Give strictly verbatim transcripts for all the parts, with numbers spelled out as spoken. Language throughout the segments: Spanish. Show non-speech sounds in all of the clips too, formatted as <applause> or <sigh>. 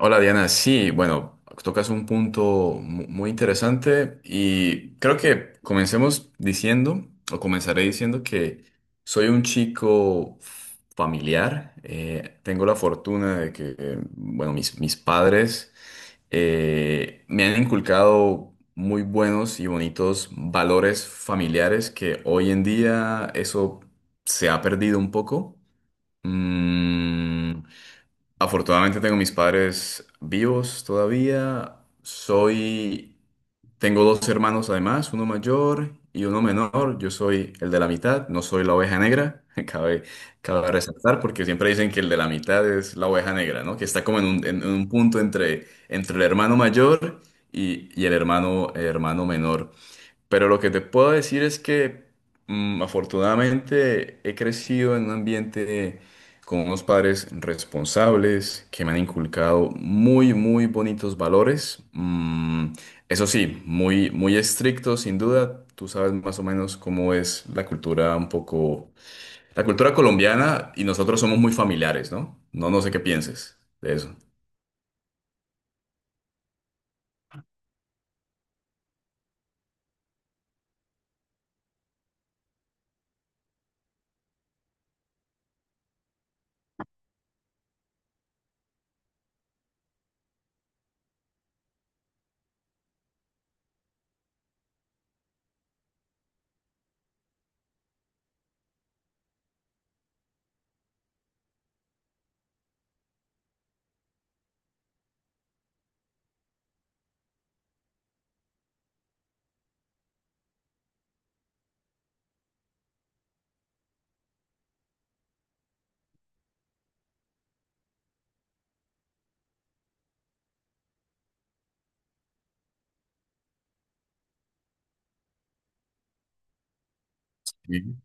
Hola Diana, sí, bueno, tocas un punto mu- muy interesante y creo que comencemos diciendo, o comenzaré diciendo que soy un chico familiar. Eh, tengo la fortuna de que, eh, bueno, mis, mis padres eh, me han inculcado muy buenos y bonitos valores familiares que hoy en día eso se ha perdido un poco. Mm, Afortunadamente tengo mis padres vivos todavía. Soy, Tengo dos hermanos además, uno mayor y uno menor. Yo soy el de la mitad, no soy la oveja negra. <laughs> Cabe, cabe resaltar porque siempre dicen que el de la mitad es la oveja negra, ¿no? Que está como en un, en un punto entre, entre el hermano mayor y, y el hermano, hermano menor. Pero lo que te puedo decir es que mm, afortunadamente he crecido en un ambiente con unos padres responsables que me han inculcado muy, muy bonitos valores. Mm, eso sí, muy, muy estrictos, sin duda. Tú sabes más o menos cómo es la cultura un poco, la cultura colombiana y nosotros somos muy familiares, ¿no? No, no sé qué pienses de eso. Sí,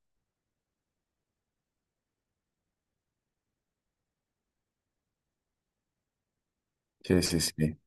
sí, sí. Sí.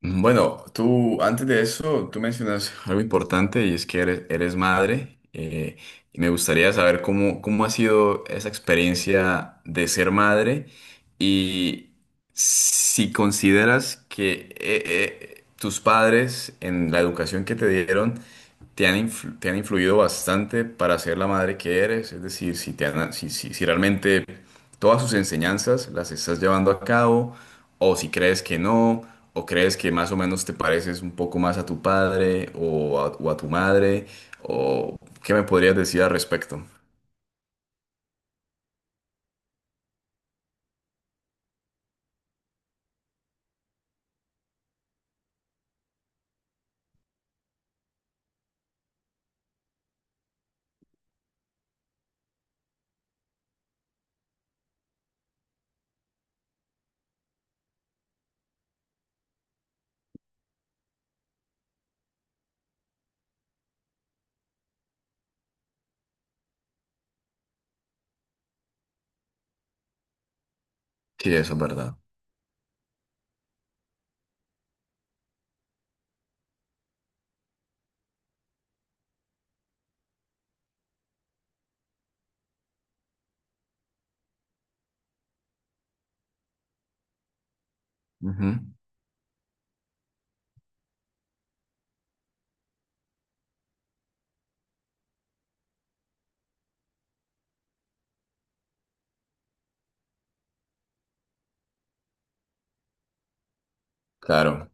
Mm, Bueno, tú antes de eso, tú mencionas algo importante y es que eres, eres madre. Eh, y me gustaría saber cómo, cómo ha sido esa experiencia de ser madre y si consideras que eh, eh, tus padres en la educación que te dieron te han, influ- te han influido bastante para ser la madre que eres, es decir, si, te han, si, si, si realmente todas sus enseñanzas las estás llevando a cabo, o si crees que no, o crees que más o menos te pareces un poco más a tu padre o a, o a tu madre, o qué me podrías decir al respecto. Sí, eso es verdad. Ujú. Claro.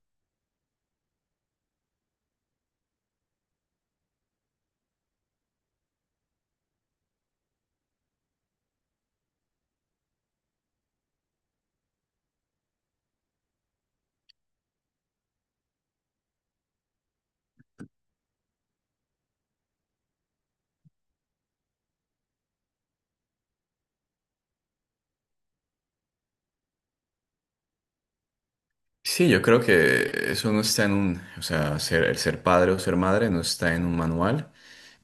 Sí, yo creo que eso no está en un, o sea, ser, el ser padre o ser madre no está en un manual.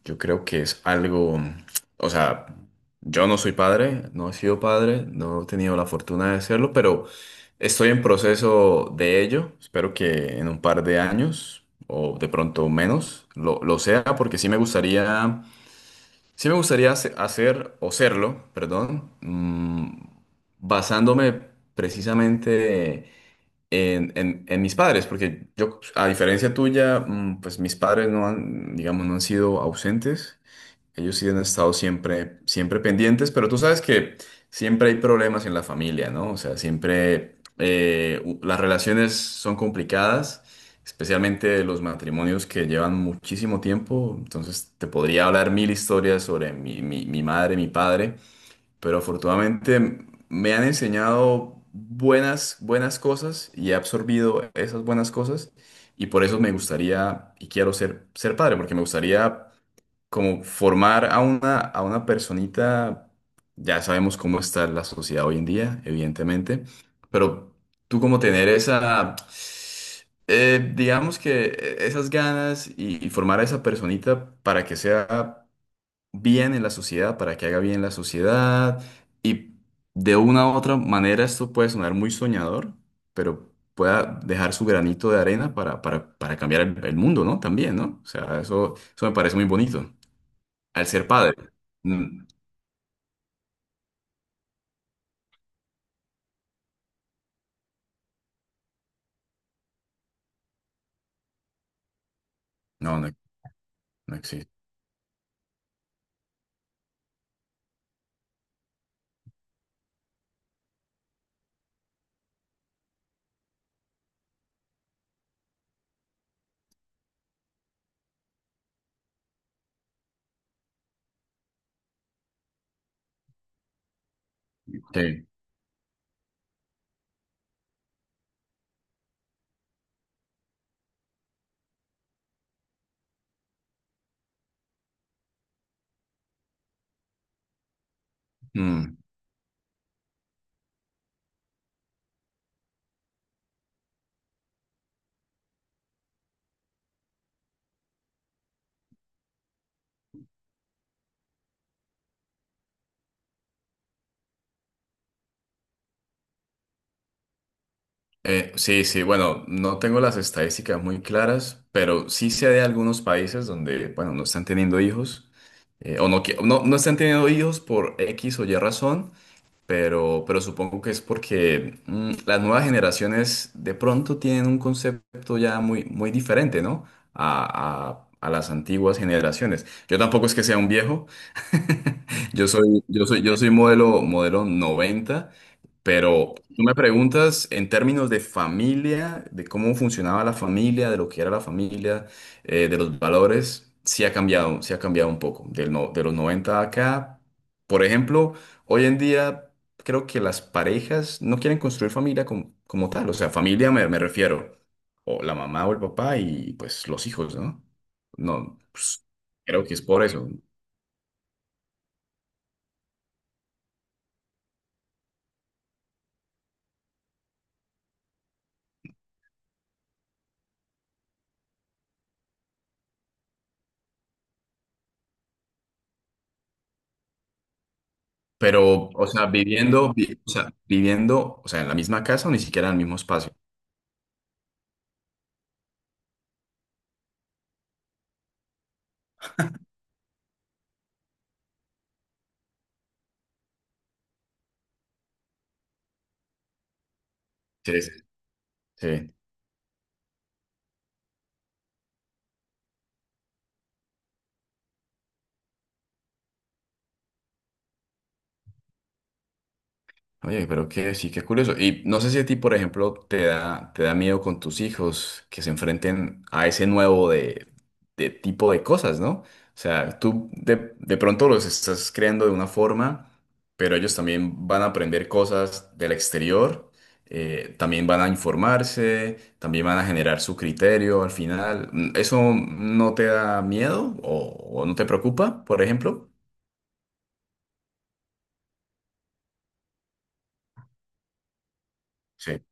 Yo creo que es algo, o sea, yo no soy padre, no he sido padre, no he tenido la fortuna de serlo, pero estoy en proceso de ello. Espero que en un par de años o de pronto menos lo, lo sea, porque sí me gustaría, sí me gustaría hace- hacer o serlo, perdón, mm, basándome precisamente en, en- en mis padres, porque yo, a diferencia tuya, mm, pues mis padres no han, digamos, no han sido ausentes. Ellos sí han estado siempre, siempre pendientes, pero tú sabes que siempre hay problemas en la familia, ¿no? O sea, siempre eh, u- las relaciones son complicadas, especialmente los matrimonios que llevan muchísimo tiempo. Entonces, te podría hablar mil historias sobre mi, mi, mi madre, mi padre, pero afortunadamente me han enseñado buenas, buenas cosas y he absorbido esas buenas cosas y por eso me gustaría y quiero ser, ser padre, porque me gustaría como formar a una, a una personita, ya sabemos cómo está la sociedad hoy en día, evidentemente, pero tú como tener esa, eh, digamos que eh, esas ganas y, y formar a esa personita para que sea bien en la sociedad, para que haga bien la sociedad y de una u otra manera esto puede sonar muy soñador, pero pueda dejar su granito de arena para, para, para cambiar el, el mundo, ¿no? También, ¿no? O sea, eso, eso me parece muy bonito. Al ser padre. Mm. No, no, no existe. Sí. Mm, eh, sí, sí, bueno, no tengo las estadísticas muy claras, pero sí sé de algunos países donde, bueno, no están teniendo hijos, eh, o no, qui- no, no están teniendo hijos por X o Y razón, pero, pero supongo que es porque mm, las nuevas generaciones de pronto tienen un concepto ya muy, muy diferente, ¿no? A, a, a las antiguas generaciones. Yo tampoco es que sea un viejo. Yo soy, yo soy, yo soy modelo, modelo noventa, pero tú me preguntas en términos de familia, de cómo funcionaba la familia, de lo que era la familia, eh, de los valores, sí ha cambiado, sí ha cambiado un poco. Del no- de los noventa acá, por ejemplo, hoy en día creo que las parejas no quieren construir familia como, como tal, o sea, familia me, me refiero, o la mamá o el papá y pues los hijos, ¿no? No, pues, creo que es por eso. Pero, o sea, viviendo, vi- o sea, viviendo, o sea, en la misma casa o ni siquiera en el mismo espacio. Sí, sí. Sí. Oye, pero que sí, qué curioso. Y no sé si a ti, por ejemplo, te da, te da miedo con tus hijos que se enfrenten a ese nuevo de, de tipo de cosas, ¿no? O sea, tú de, de pronto los estás creando de una forma, pero ellos también van a aprender cosas del exterior, eh, también van a informarse, también van a generar su criterio al final. Mm, ¿eso no te da miedo o, o no te preocupa, por ejemplo? Sí.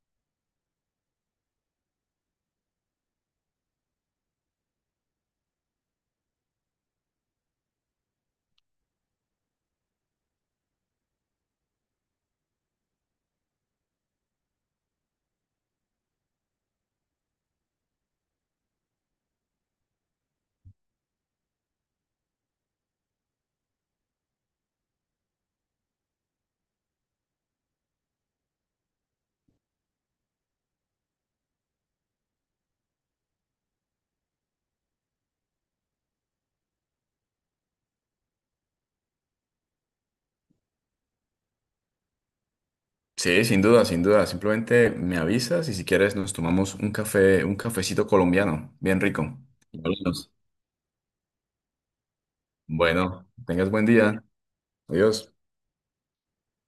Sí, sin duda, sin duda. Simplemente me avisas y si quieres nos tomamos un café, un cafecito colombiano, bien rico. Hablamos. Bueno, tengas buen día. Adiós.